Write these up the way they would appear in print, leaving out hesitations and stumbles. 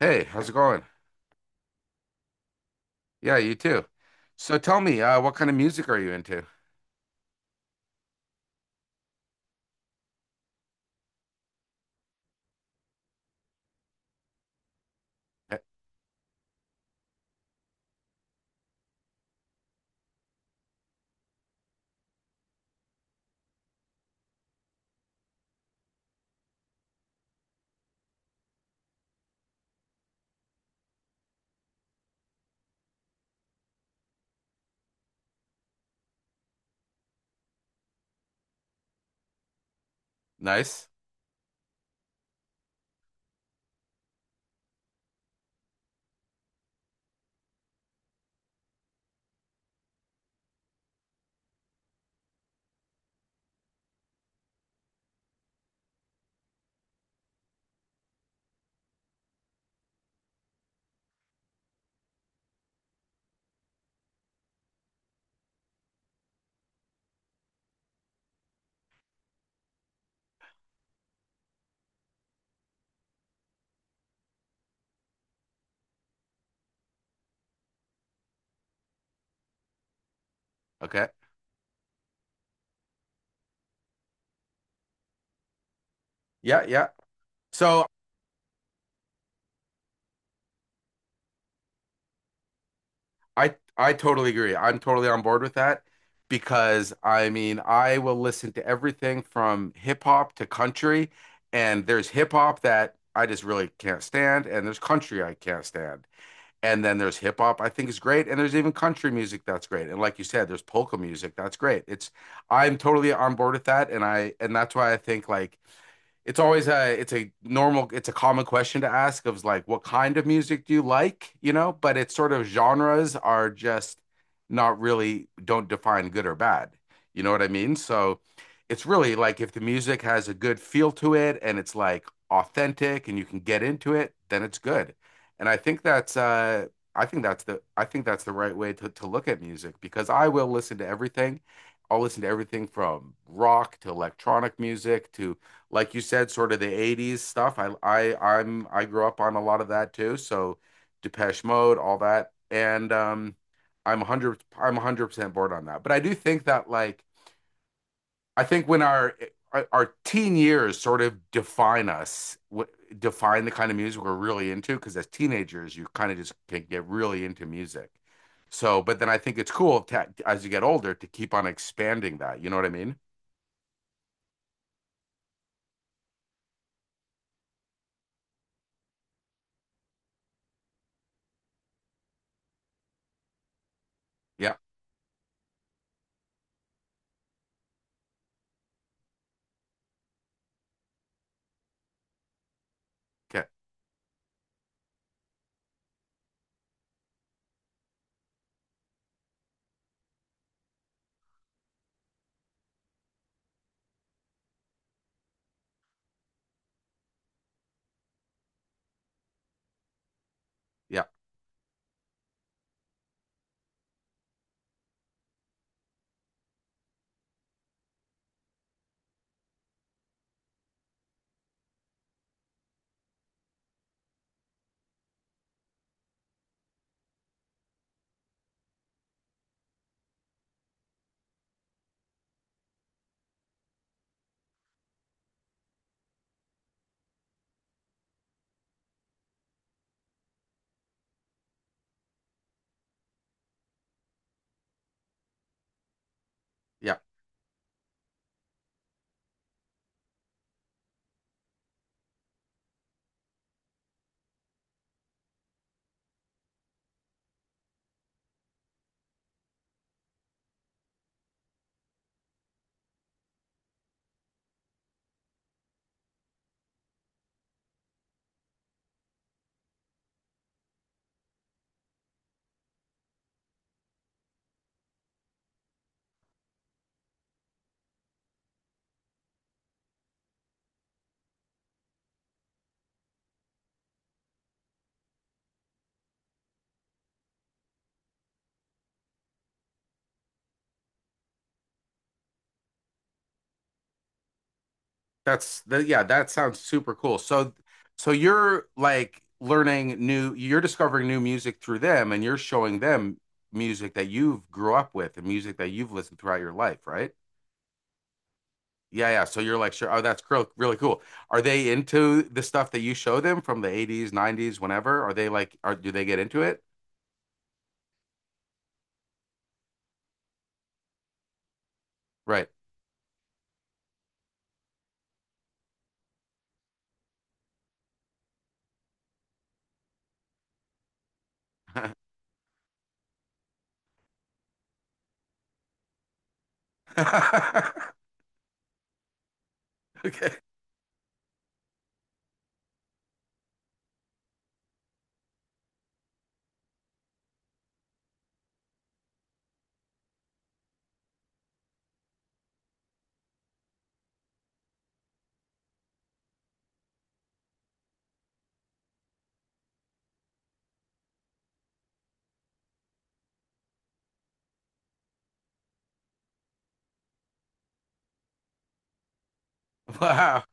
Hey, how's it going? Yeah, you too. So tell me, what kind of music are you into? Eh, nice. Okay. Yeah, yeah. So I totally agree. I'm totally on board with that because I mean, I will listen to everything from hip hop to country, and there's hip hop that I just really can't stand, and there's country I can't stand. And then there's hip hop I think is great, and there's even country music that's great. And like you said, there's polka music that's great. It's I'm totally on board with that, and I and that's why I think like it's always a it's a normal it's a common question to ask of like what kind of music do you like, you know, but it's sort of genres are just not really don't define good or bad, you know what I mean? So it's really like if the music has a good feel to it and it's like authentic and you can get into it, then it's good, and I think that's I think that's the right way to look at music because I will listen to everything. I'll listen to everything from rock to electronic music to, like you said, sort of the 80s stuff. I grew up on a lot of that too. So Depeche Mode, all that. And I'm 100% bored on that. But I do think that like I think when our teen years sort of define us, define the kind of music we're really into because as teenagers you kind of just can get really into music. So, but then I think it's cool to, as you get older, to keep on expanding that. You know what I mean? Yeah. Okay. Yeah. Yeah. That's the yeah, that sounds super cool. So so you're like learning new, you're discovering new music through them, and you're showing them music that you've grew up with and music that you've listened throughout your life, right? Yeah, yeah. So you're like, sure, oh, that's really cool. Are they into the stuff that you show them from the 80s, 90s, whenever? Are they like, are do they get into it? Right. Okay. Wow.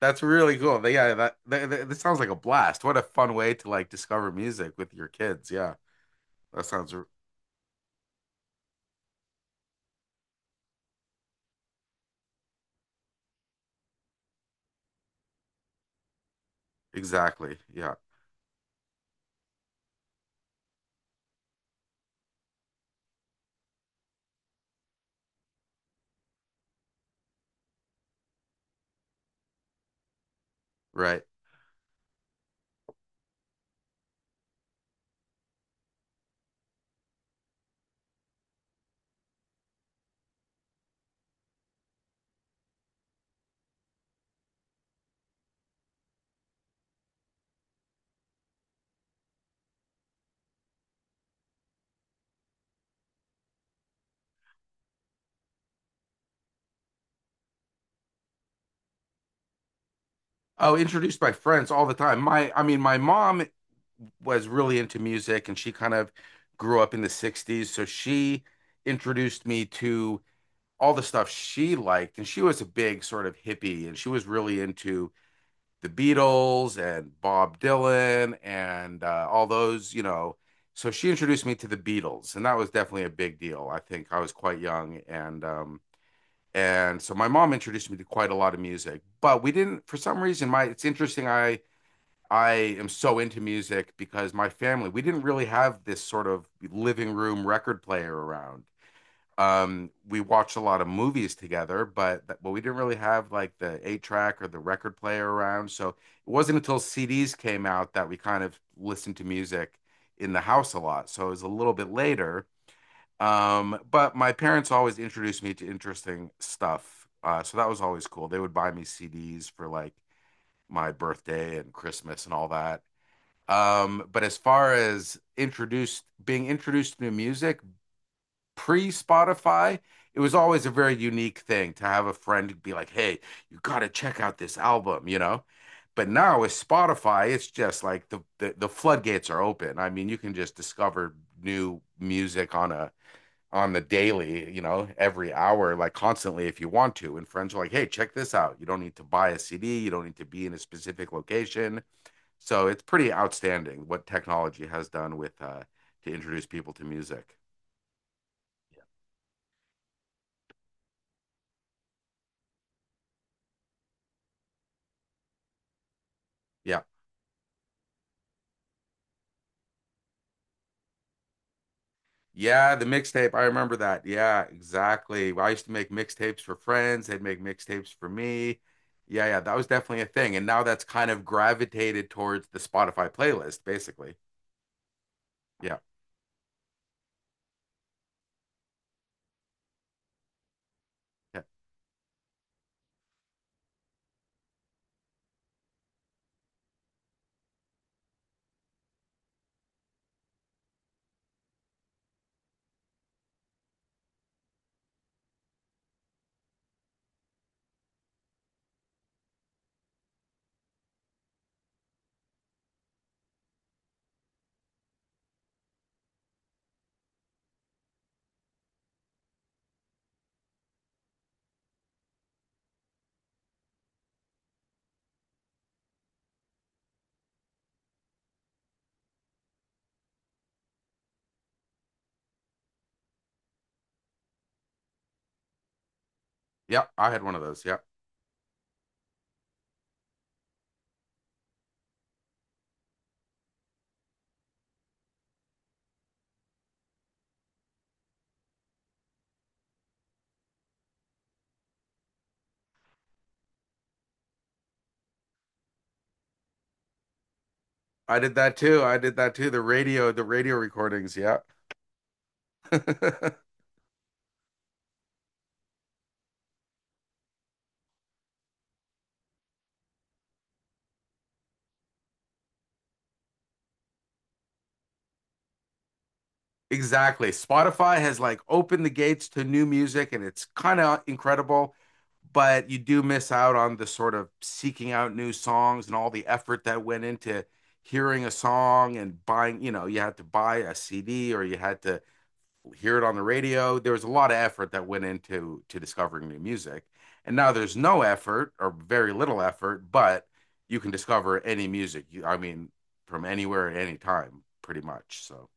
That's really cool. Yeah, that sounds like a blast. What a fun way to like discover music with your kids. Yeah. That sounds exactly. Yeah. Right. Oh, introduced by friends all the time. I mean, my mom was really into music and she kind of grew up in the 60s. So she introduced me to all the stuff she liked. And she was a big sort of hippie and she was really into the Beatles and Bob Dylan and all those, you know. So she introduced me to the Beatles, and that was definitely a big deal. I think I was quite young and so my mom introduced me to quite a lot of music, but we didn't, for some reason my, it's interesting. I am so into music because my family, we didn't really have this sort of living room record player around. We watched a lot of movies together, but we didn't really have like the eight track or the record player around, so it wasn't until CDs came out that we kind of listened to music in the house a lot. So it was a little bit later. But my parents always introduced me to interesting stuff. So that was always cool. They would buy me CDs for like my birthday and Christmas and all that. But as far as introduced being introduced to new music pre-Spotify, it was always a very unique thing to have a friend be like, "Hey, you gotta check out this album," you know? But now with Spotify, it's just like the floodgates are open. I mean, you can just discover new music on a on the daily, you know, every hour, like constantly if you want to. And friends are like, hey, check this out. You don't need to buy a CD, you don't need to be in a specific location. So it's pretty outstanding what technology has done with to introduce people to music. Yeah. Yeah, the mixtape. I remember that. Yeah, exactly. Well, I used to make mixtapes for friends. They'd make mixtapes for me. Yeah, yeah, that was definitely a thing. And now that's kind of gravitated towards the Spotify playlist, basically. Yeah. Yeah. Yeah. I had one of those. Yeah. I did that too. I did that too. The radio recordings. Yeah. Exactly. Spotify has like opened the gates to new music, and it's kind of incredible, but you do miss out on the sort of seeking out new songs and all the effort that went into hearing a song and buying, you know, you had to buy a CD or you had to hear it on the radio. There was a lot of effort that went into to discovering new music. And now there's no effort or very little effort, but you can discover any music. I mean, from anywhere at any time, pretty much. So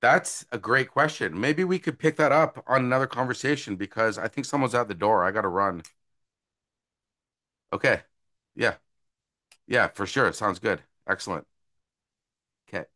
that's a great question. Maybe we could pick that up on another conversation because I think someone's at the door. I got to run. Okay. Yeah. Yeah, for sure. Sounds good. Excellent. Okay.